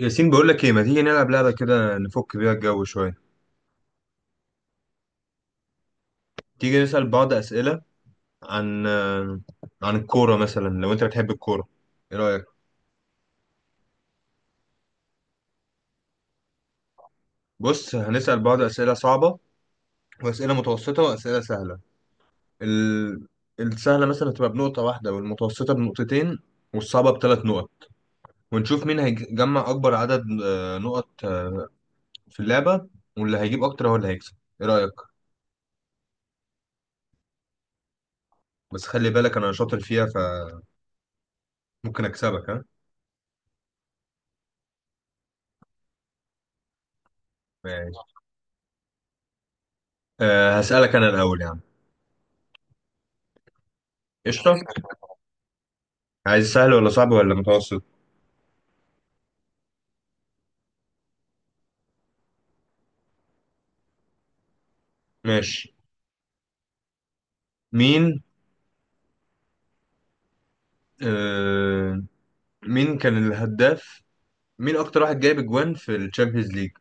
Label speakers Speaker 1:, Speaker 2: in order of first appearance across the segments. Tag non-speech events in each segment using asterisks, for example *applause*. Speaker 1: ياسين بقول لك ايه، ما تيجي نلعب لعبة كده نفك بيها الجو شوية؟ تيجي نسأل بعض أسئلة عن عن الكورة مثلا لو انت بتحب الكورة. ايه رأيك؟ بص، هنسأل بعض أسئلة صعبة وأسئلة متوسطة وأسئلة سهلة. ال... السهلة مثلا هتبقى بنقطة واحدة، والمتوسطة بنقطتين، والصعبة بثلاث نقط. ونشوف مين هيجمع أكبر عدد نقط في اللعبة، واللي هيجيب أكتر هو اللي هيكسب. ايه رأيك؟ بس خلي بالك أنا شاطر فيها، فممكن أكسبك، ها. ماشي. أه، هسألك أنا الأول يا عم. قشطة. عايز سهل ولا صعب ولا متوسط؟ ماشي. مين، آه، مين كان الهداف، مين أكتر واحد جايب أجوان في الشامبيونز ليج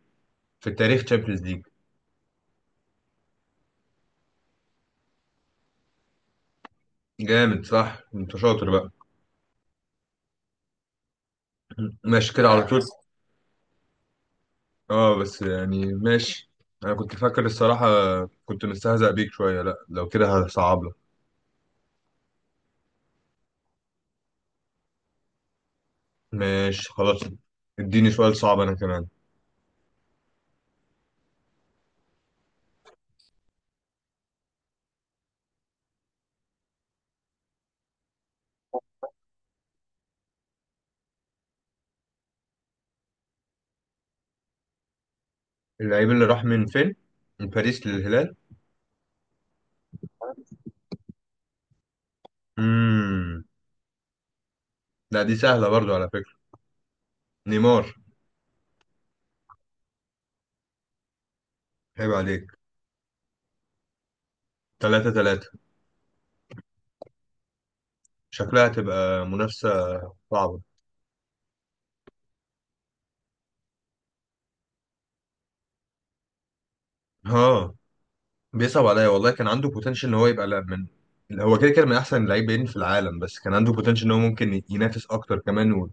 Speaker 1: في التاريخ، تشامبيونز ليج؟ جامد، صح، أنت شاطر بقى. ماشي كده على لا طول. أه بس يعني ماشي، أنا كنت فاكر الصراحة، كنت مستهزأ بيك شوية. لأ لو كده هصعب لك. ماشي خلاص، اديني سؤال صعب أنا كمان. اللعيب اللي راح من فين؟ من باريس للهلال؟ مم. لا دي سهلة برضو على فكرة. نيمار. عيب عليك. تلاتة تلاتة، شكلها هتبقى منافسة صعبة، ها. بيصعب عليا والله، كان عنده بوتنشال ان هو يبقى لا من، هو كده كده من احسن اللاعبين في العالم، بس كان عنده بوتنشال ان هو ممكن ينافس اكتر كمان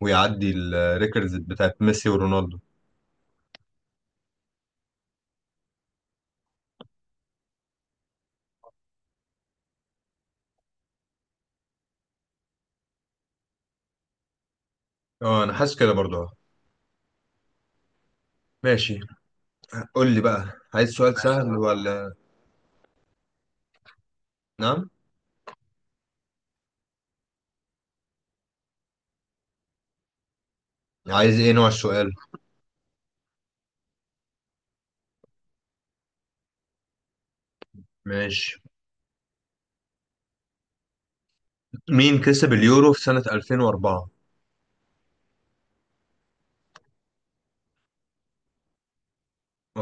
Speaker 1: ويعدي الريكوردز بتاعت ميسي ورونالدو. اه انا حاسس كده برضه ماشي. قول لي بقى، عايز سؤال سهل ولا؟ نعم. عايز ايه نوع السؤال؟ ماشي. مين كسب اليورو في سنة 2004؟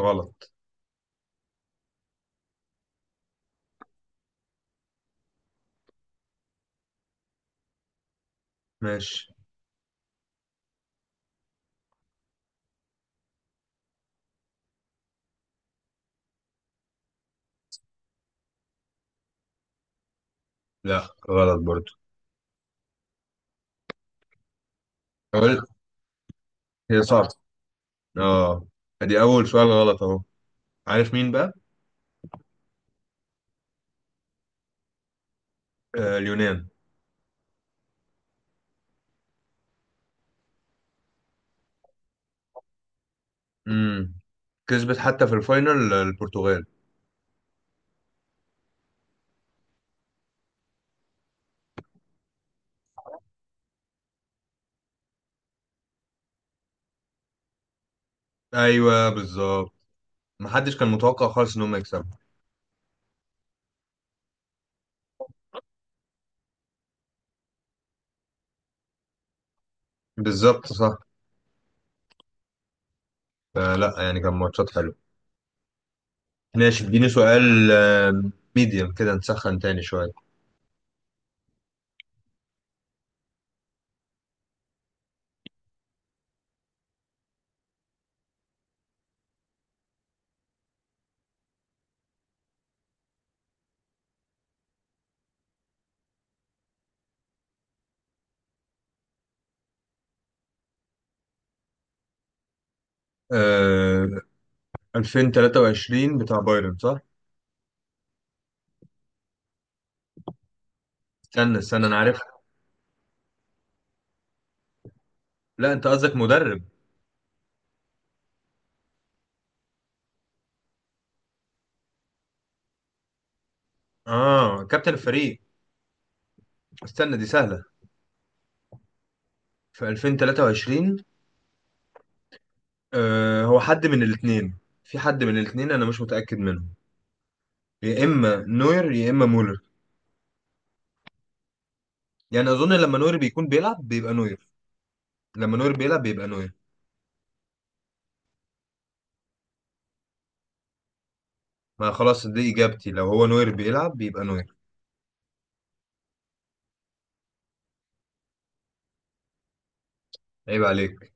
Speaker 1: غلط. ماشي. لا غلط برضه. قول. هي صعبة، اه. دي اول سؤال غلط اهو. عارف مين بقى؟ آه، اليونان. امم، كسبت حتى في الفاينل البرتغال. ايوه بالظبط، محدش كان متوقع خالص ان هم يكسبوا. بالظبط صح، فلا يعني كان ماتشات حلوه. ماشي، اديني سؤال ميديم كده نسخن تاني شويه. آه، 2023 بتاع بايرن صح؟ استنى انا عارفها. لا انت قصدك مدرب؟ اه، كابتن الفريق. استنى، دي سهله. في 2023، آه، هو حد من الاثنين. في حد من الاثنين انا مش متاكد منه، يا اما نوير يا اما مولر. يعني اظن لما نوير بيكون بيلعب بيبقى نوير. لما نوير بيلعب بيبقى نوير. ما خلاص دي اجابتي، لو هو نوير بيلعب بيبقى نوير. عيب عليك.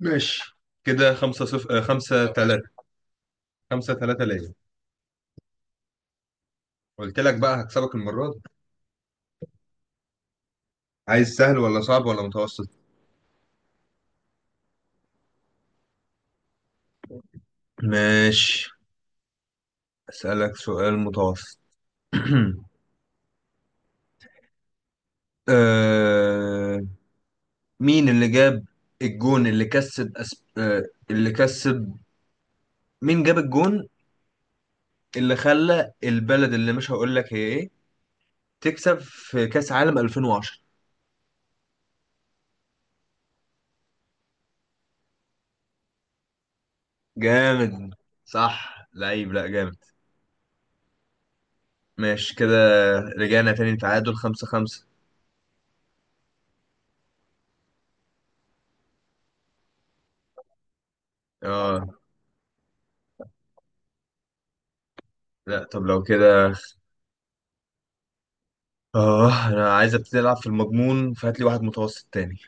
Speaker 1: ماشي كده خمسة صف... آه، خمسة تلاتة. خمسة تلاتة ليا، قلت لك بقى هكسبك المرة دي. عايز سهل ولا صعب ولا متوسط؟ ماشي، أسألك سؤال متوسط. *clears throat* آه... مين اللي جاب الجون اللي كسب اللي كسب، مين جاب الجون اللي خلى البلد اللي مش هقول لك هي ايه تكسب في كاس عالم 2010؟ جامد، صح لعيب، لا جامد. ماشي كده، رجعنا تاني تعادل خمسة خمسة. اه. لا طب لو كده. اه انا عايز ابتدي العب في المضمون، فهات لي واحد متوسط تاني.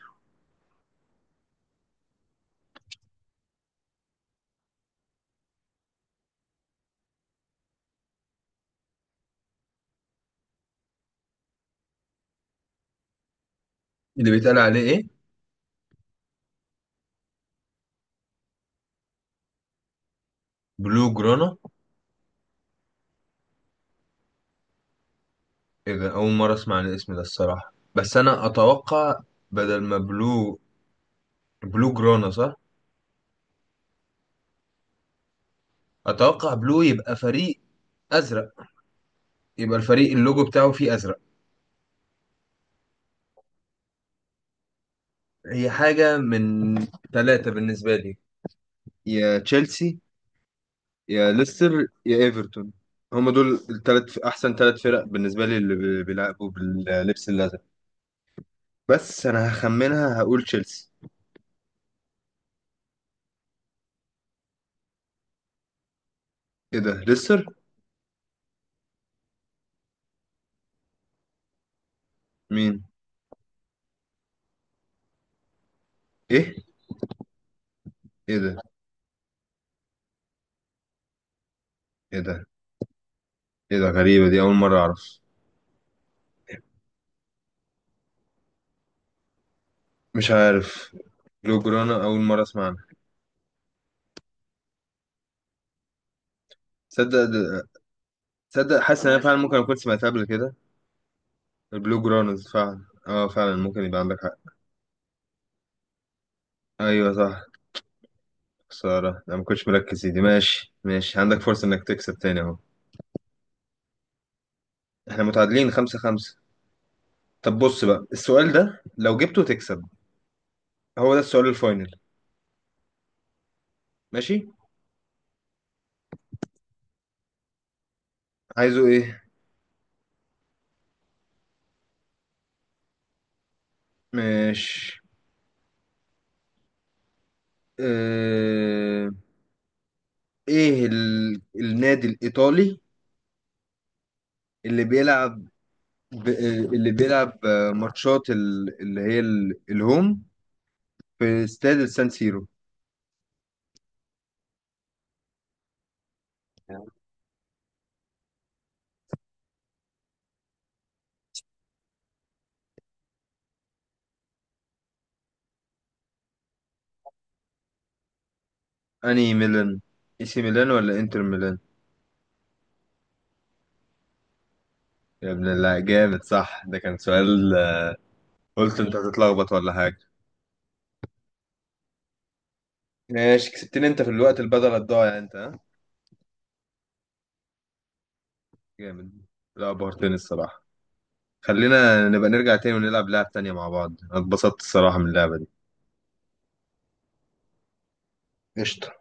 Speaker 1: اللي بيتقال عليه ايه؟ بلو جرانا؟ ايه ده، اول مره اسمع عن الاسم ده الصراحه، بس انا اتوقع، بدل ما بلو، بلو جرانا صح؟ اتوقع بلو يبقى فريق ازرق، يبقى الفريق اللوجو بتاعه فيه ازرق. هي حاجة من ثلاثة بالنسبة لي، يا تشيلسي يا ليستر يا ايفرتون. هما دول الثلاث احسن ثلاث فرق بالنسبة لي اللي بيلعبوا باللبس الازرق. بس انا هخمنها، هقول تشيلسي. ايه ده، ليستر؟ مين؟ ايه؟ ايه ده؟ ايه ده؟ ايه ده، غريبة، دي اول مرة اعرف. مش عارف، بلو جرانا اول مرة اسمع عنها. تصدق ده- تصدق، حاسس ان انا فعلا ممكن اكون سمعتها قبل كده. البلو جرانز، فعلا اه فعلا ممكن يبقى عندك حق. ايوه صح. خسارة أنا ما كنتش مركز، يا دي ماشي ماشي، عندك فرصة إنك تكسب تاني أهو. إحنا متعادلين خمسة خمسة. طب بص بقى، السؤال ده لو جبته تكسب، هو ده السؤال الفاينل. ماشي. عايزه إيه؟ ماشي. اه... إيه النادي الإيطالي اللي بيلعب ب... آه، اللي بيلعب ماتشات اللي هي الهوم في استاد السان سيرو؟ أنهي ميلان، إي سي ميلان ولا إنتر ميلان؟ يا ابن الله، جامد صح، ده كان سؤال، قلت انت هتتلخبط ولا حاجة. ماشي كسبتني انت في الوقت البدل الضايع، انت، ها. جامد، لا بهرتني الصراحة. خلينا نبقى نرجع تاني ونلعب لعب تانية مع بعض، أنا اتبسطت الصراحة من اللعبة دي. قشطة.